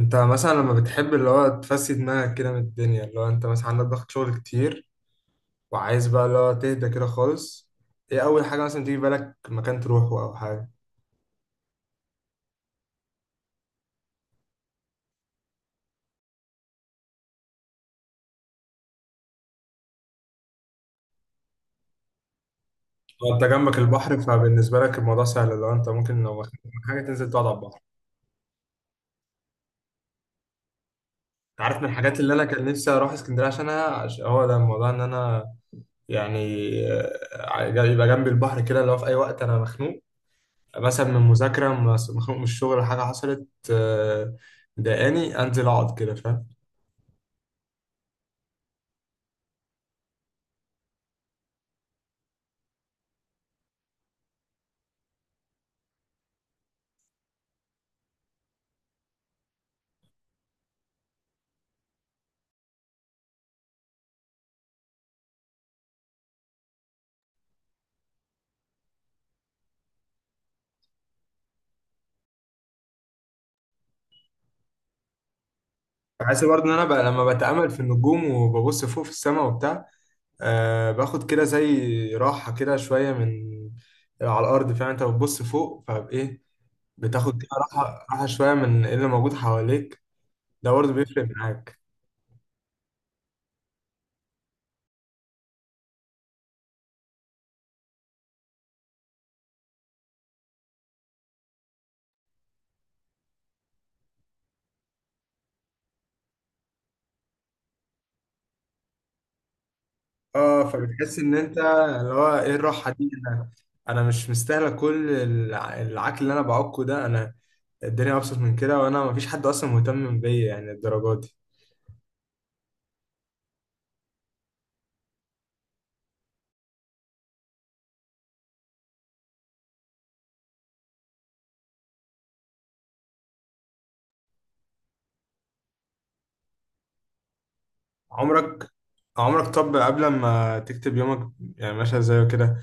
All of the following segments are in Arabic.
انت مثلا لما بتحب اللي هو تفسي دماغك كده من الدنيا، اللي هو انت مثلا عندك ضغط شغل كتير، وعايز بقى اللي هو تهدى كده خالص. ايه اول حاجة مثلا تيجي في بالك، مكان تروحه او حاجة؟ لو انت جنبك البحر فبالنسبة لك الموضوع سهل، اللي هو انت ممكن لو مخنوق من حاجة تنزل تقعد على البحر. انت عارف من الحاجات اللي انا كان نفسي اروح اسكندرية عشانها هو ده الموضوع ان انا يعني يبقى جنبي البحر كده، اللي هو في اي وقت انا مخنوق مثلا من مذاكرة مخنوق من الشغل، حاجة حصلت مضايقاني، انزل اقعد كده، فاهم؟ بحس برضه ان انا بقى لما بتامل في النجوم وببص فوق في السماء وبتاع، باخد كده زي راحه كده شويه من على الارض، فاهم؟ انت بتبص فوق فايه، بتاخد كده راحه راحه شويه من إيه اللي موجود حواليك. ده برضه بيفرق معاك. اه فبتحس ان انت اللي هو ايه الراحه دي، انا مش مستاهله كل العك اللي انا بعكه ده، انا الدنيا ابسط من كده، وانا مفيش حد اصلا مهتم بيا يعني الدرجات دي. عمرك عمرك طب قبل ما تكتب يومك يعني ماشي ازاي وكده،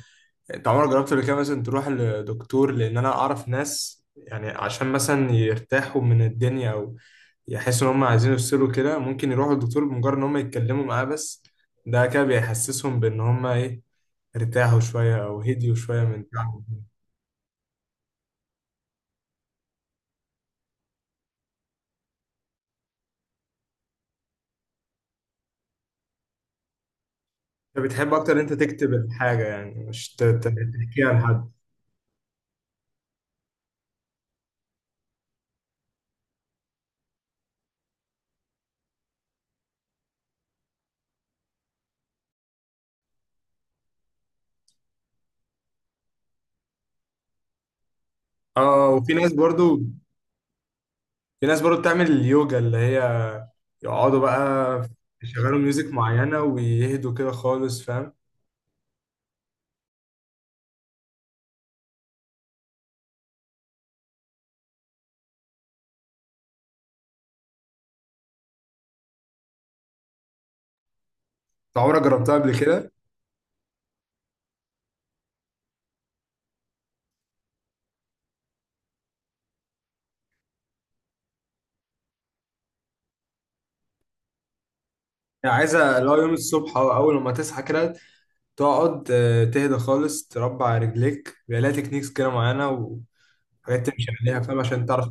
انت عمرك جربت قبل كده مثلا تروح لدكتور؟ لان انا اعرف ناس يعني عشان مثلا يرتاحوا من الدنيا او يحسوا ان هم عايزين يفصلوا كده، ممكن يروحوا للدكتور بمجرد ان هم يتكلموا معاه بس، ده كده بيحسسهم بان هم ايه، ارتاحوا شوية او هديوا شوية من تعبهم. انت بتحب اكتر ان انت تكتب الحاجة يعني مش تحكيها لحد؟ اه، وفي ناس برضو في ناس برضو بتعمل اليوجا اللي هي يقعدوا بقى يشغلوا ميوزك معينة ويهدوا كده خالص، فاهم؟ انت عمرك جربتها قبل كده؟ يعني عايزة لو يوم الصبح أو أول ما تصحى كده، تقعد تهدى خالص، تربع رجليك، بيبقى لها تكنيكس كده معينة، وحاجات تمشي عليها، فاهم عشان تعرف؟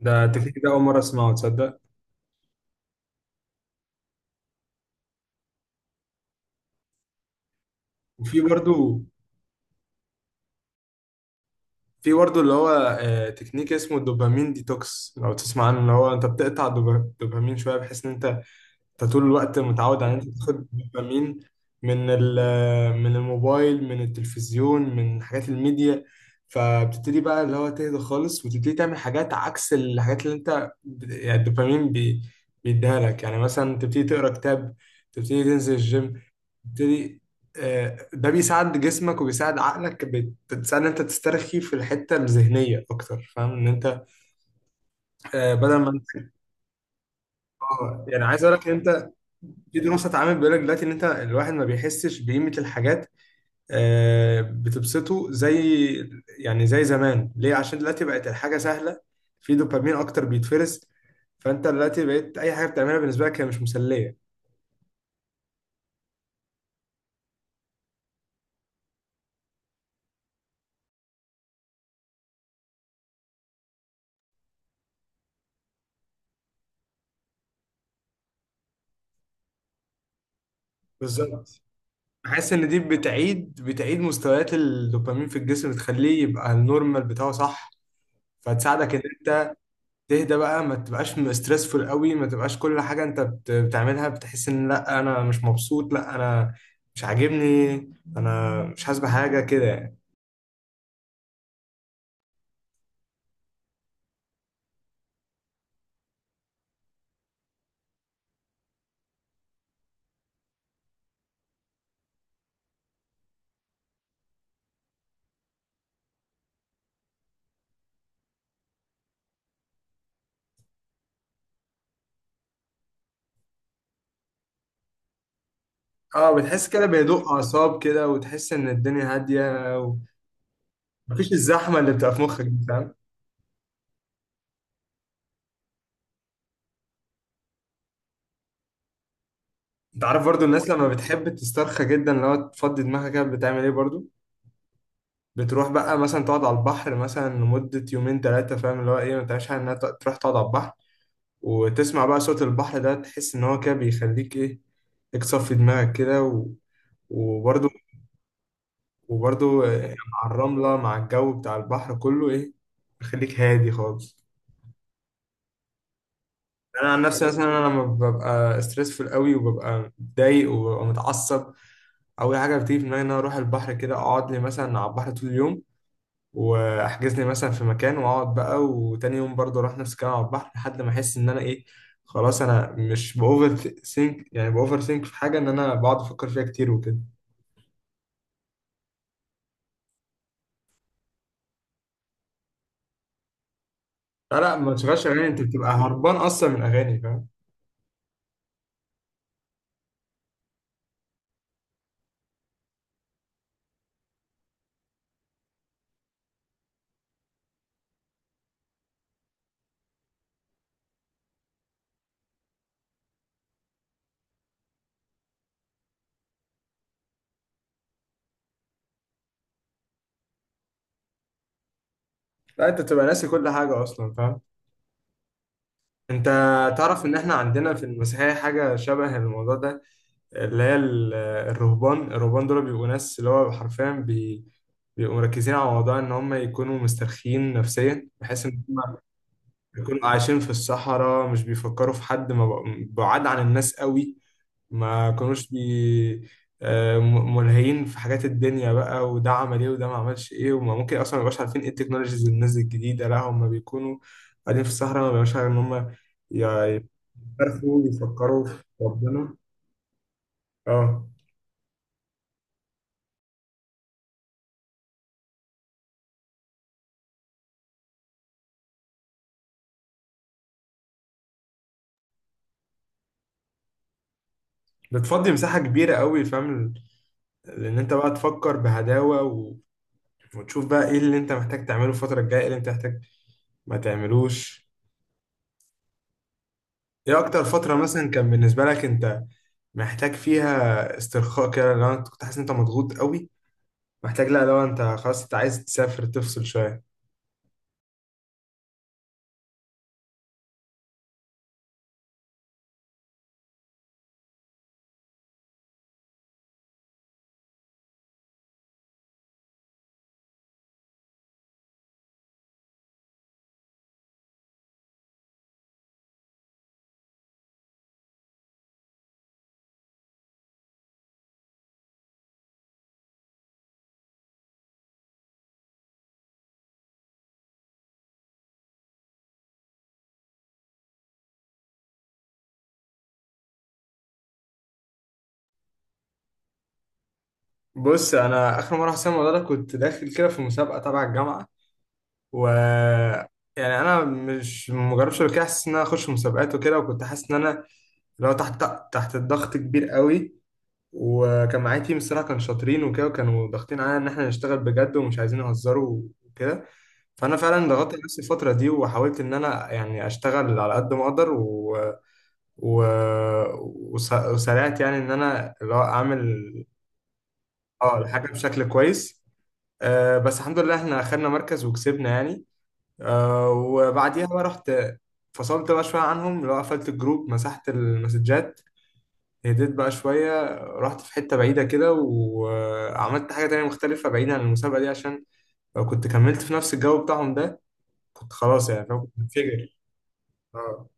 ده التكنيك ده أول مرة أسمعه تصدق. وفي برضو في برضو اللي هو تكنيك اسمه الدوبامين ديتوكس، لو تسمع عنه، اللي هو أنت بتقطع الدوبامين شوية، بحيث إن أنت، انت طول الوقت متعود على ان انت تاخد دوبامين من الموبايل، من التلفزيون، من حاجات الميديا. فبتبتدي بقى اللي هو تهدى خالص، وتبتدي تعمل حاجات عكس الحاجات اللي انت يعني الدوبامين بيديها لك، يعني مثلا تبتدي تقرا كتاب، تبتدي تنزل الجيم، تبتدي ده بيساعد جسمك وبيساعد عقلك، بتساعد ان انت تسترخي في الحتة الذهنية اكتر، فاهم ان انت بدل ما انت. اه يعني عايز اقول لك ان انت، في دراسه اتعملت بيقول لك دلوقتي ان انت الواحد ما بيحسش بقيمه الحاجات بتبسطه زي، يعني زي زمان، ليه؟ عشان دلوقتي بقت الحاجه سهله، في دوبامين اكتر بيتفرز، فانت دلوقتي بقيت اي حاجه بتعملها بالنسبه لك هي مش مسليه. بالظبط، حاسس ان دي بتعيد مستويات الدوبامين في الجسم، بتخليه يبقى النورمال بتاعه، صح؟ فتساعدك ان انت تهدى بقى، ما تبقاش مسترسفول قوي، ما تبقاش كل حاجة انت بتعملها بتحس ان لا انا مش مبسوط، لا انا مش عاجبني، انا مش حاسس بحاجة كده يعني. اه بتحس كده بهدوء اعصاب كده، وتحس ان الدنيا هادية، ومفيش الزحمة اللي بتبقى في مخك دي، فاهم؟ انت عارف برضو الناس لما بتحب تسترخى جدا لو تفضي دماغها كده بتعمل ايه برضو؟ بتروح بقى مثلا تقعد على البحر مثلا لمدة يومين ثلاثة، فاهم؟ اللي هو ايه ما تعيش انها تروح تقعد على البحر، وتسمع بقى صوت البحر ده، تحس إن هو كده بيخليك إيه، ليك صفي دماغك كده وبرضه وبرضه مع الرملة مع الجو بتاع البحر كله إيه، بيخليك هادي خالص. أنا عن نفسي مثلا، أنا لما ببقى ستريسفول قوي وببقى متضايق وببقى متعصب، أول حاجة بتيجي في دماغي إن أنا أروح البحر، كده أقعد لي مثلا على البحر طول اليوم، واحجز لي مثلا في مكان واقعد بقى، وتاني يوم برضه اروح نفس الكلام على البحر لحد ما احس ان انا ايه، خلاص انا مش باوفر ثينك، يعني باوفر ثينك في حاجه ان انا بقعد افكر فيها كتير وكده. لا لا، ما تشغلش اغاني، انت بتبقى هربان اصلا من اغاني، فاهم؟ لا انت بتبقى ناسي كل حاجه اصلا، فاهم؟ انت تعرف ان احنا عندنا في المسيحيه حاجه شبه الموضوع ده، اللي هي الرهبان دول بيبقوا ناس اللي هو حرفيا بيبقوا مركزين على موضوع ان هم يكونوا مسترخيين نفسيا، بحيث ان هم بيكونوا عايشين في الصحراء، مش بيفكروا في حد، ما بق- بعاد عن الناس قوي، ما كانوش ملهيين في حاجات الدنيا بقى، وده عمل ايه وده ما عملش ايه، وما ممكن اصلا ما يبقاش عارفين ايه التكنولوجيز اللي نزلت الجديده، لا هم بيكونوا قاعدين في الصحراء، ما بيبقاش عارف ان هم ي- يعرفوا يفكروا في ربنا. اه بتفضي مساحة كبيرة قوي، فاهم لان انت بقى تفكر بهداوة وتشوف بقى ايه اللي انت محتاج تعمله الفترة الجاية، ايه اللي انت محتاج ما تعملوش. ايه اكتر فترة مثلا كان بالنسبة لك انت محتاج فيها استرخاء كده؟ لو انت كنت حاسس ان انت مضغوط قوي، محتاج، لا لو انت خلاص انت عايز تسافر تفصل شوية. بص، انا اخر مرة حسيت الموضوع ده كنت داخل كده في مسابقة تبع الجامعة و يعني انا مش مجربش قبل كده، حاسس ان انا اخش مسابقات وكده، وكنت حاسس ان انا لو تحت الضغط كبير قوي. وكان معايا تيم، الصراحة كانوا شاطرين وكده، وكانوا ضاغطين علينا ان احنا نشتغل بجد ومش عايزين نهزروا وكده، فانا فعلا ضغطت نفسي الفتره دي، وحاولت ان انا يعني اشتغل على قد ما اقدر و... وسرعت يعني ان انا اللي هو اعمل اه الحاجه بشكل كويس. بس الحمد لله احنا اخدنا مركز وكسبنا يعني، وبعديها بقى رحت، فصلت بقى شويه عنهم، اللي هو قفلت الجروب، مسحت المسجات، هديت بقى شويه، رحت في حته بعيده كده وعملت حاجه تانية مختلفه بعيدا عن المسابقه دي، عشان لو كنت كملت في نفس الجو بتاعهم ده كنت خلاص، يعني فاهم؟ كنت منفجر اه.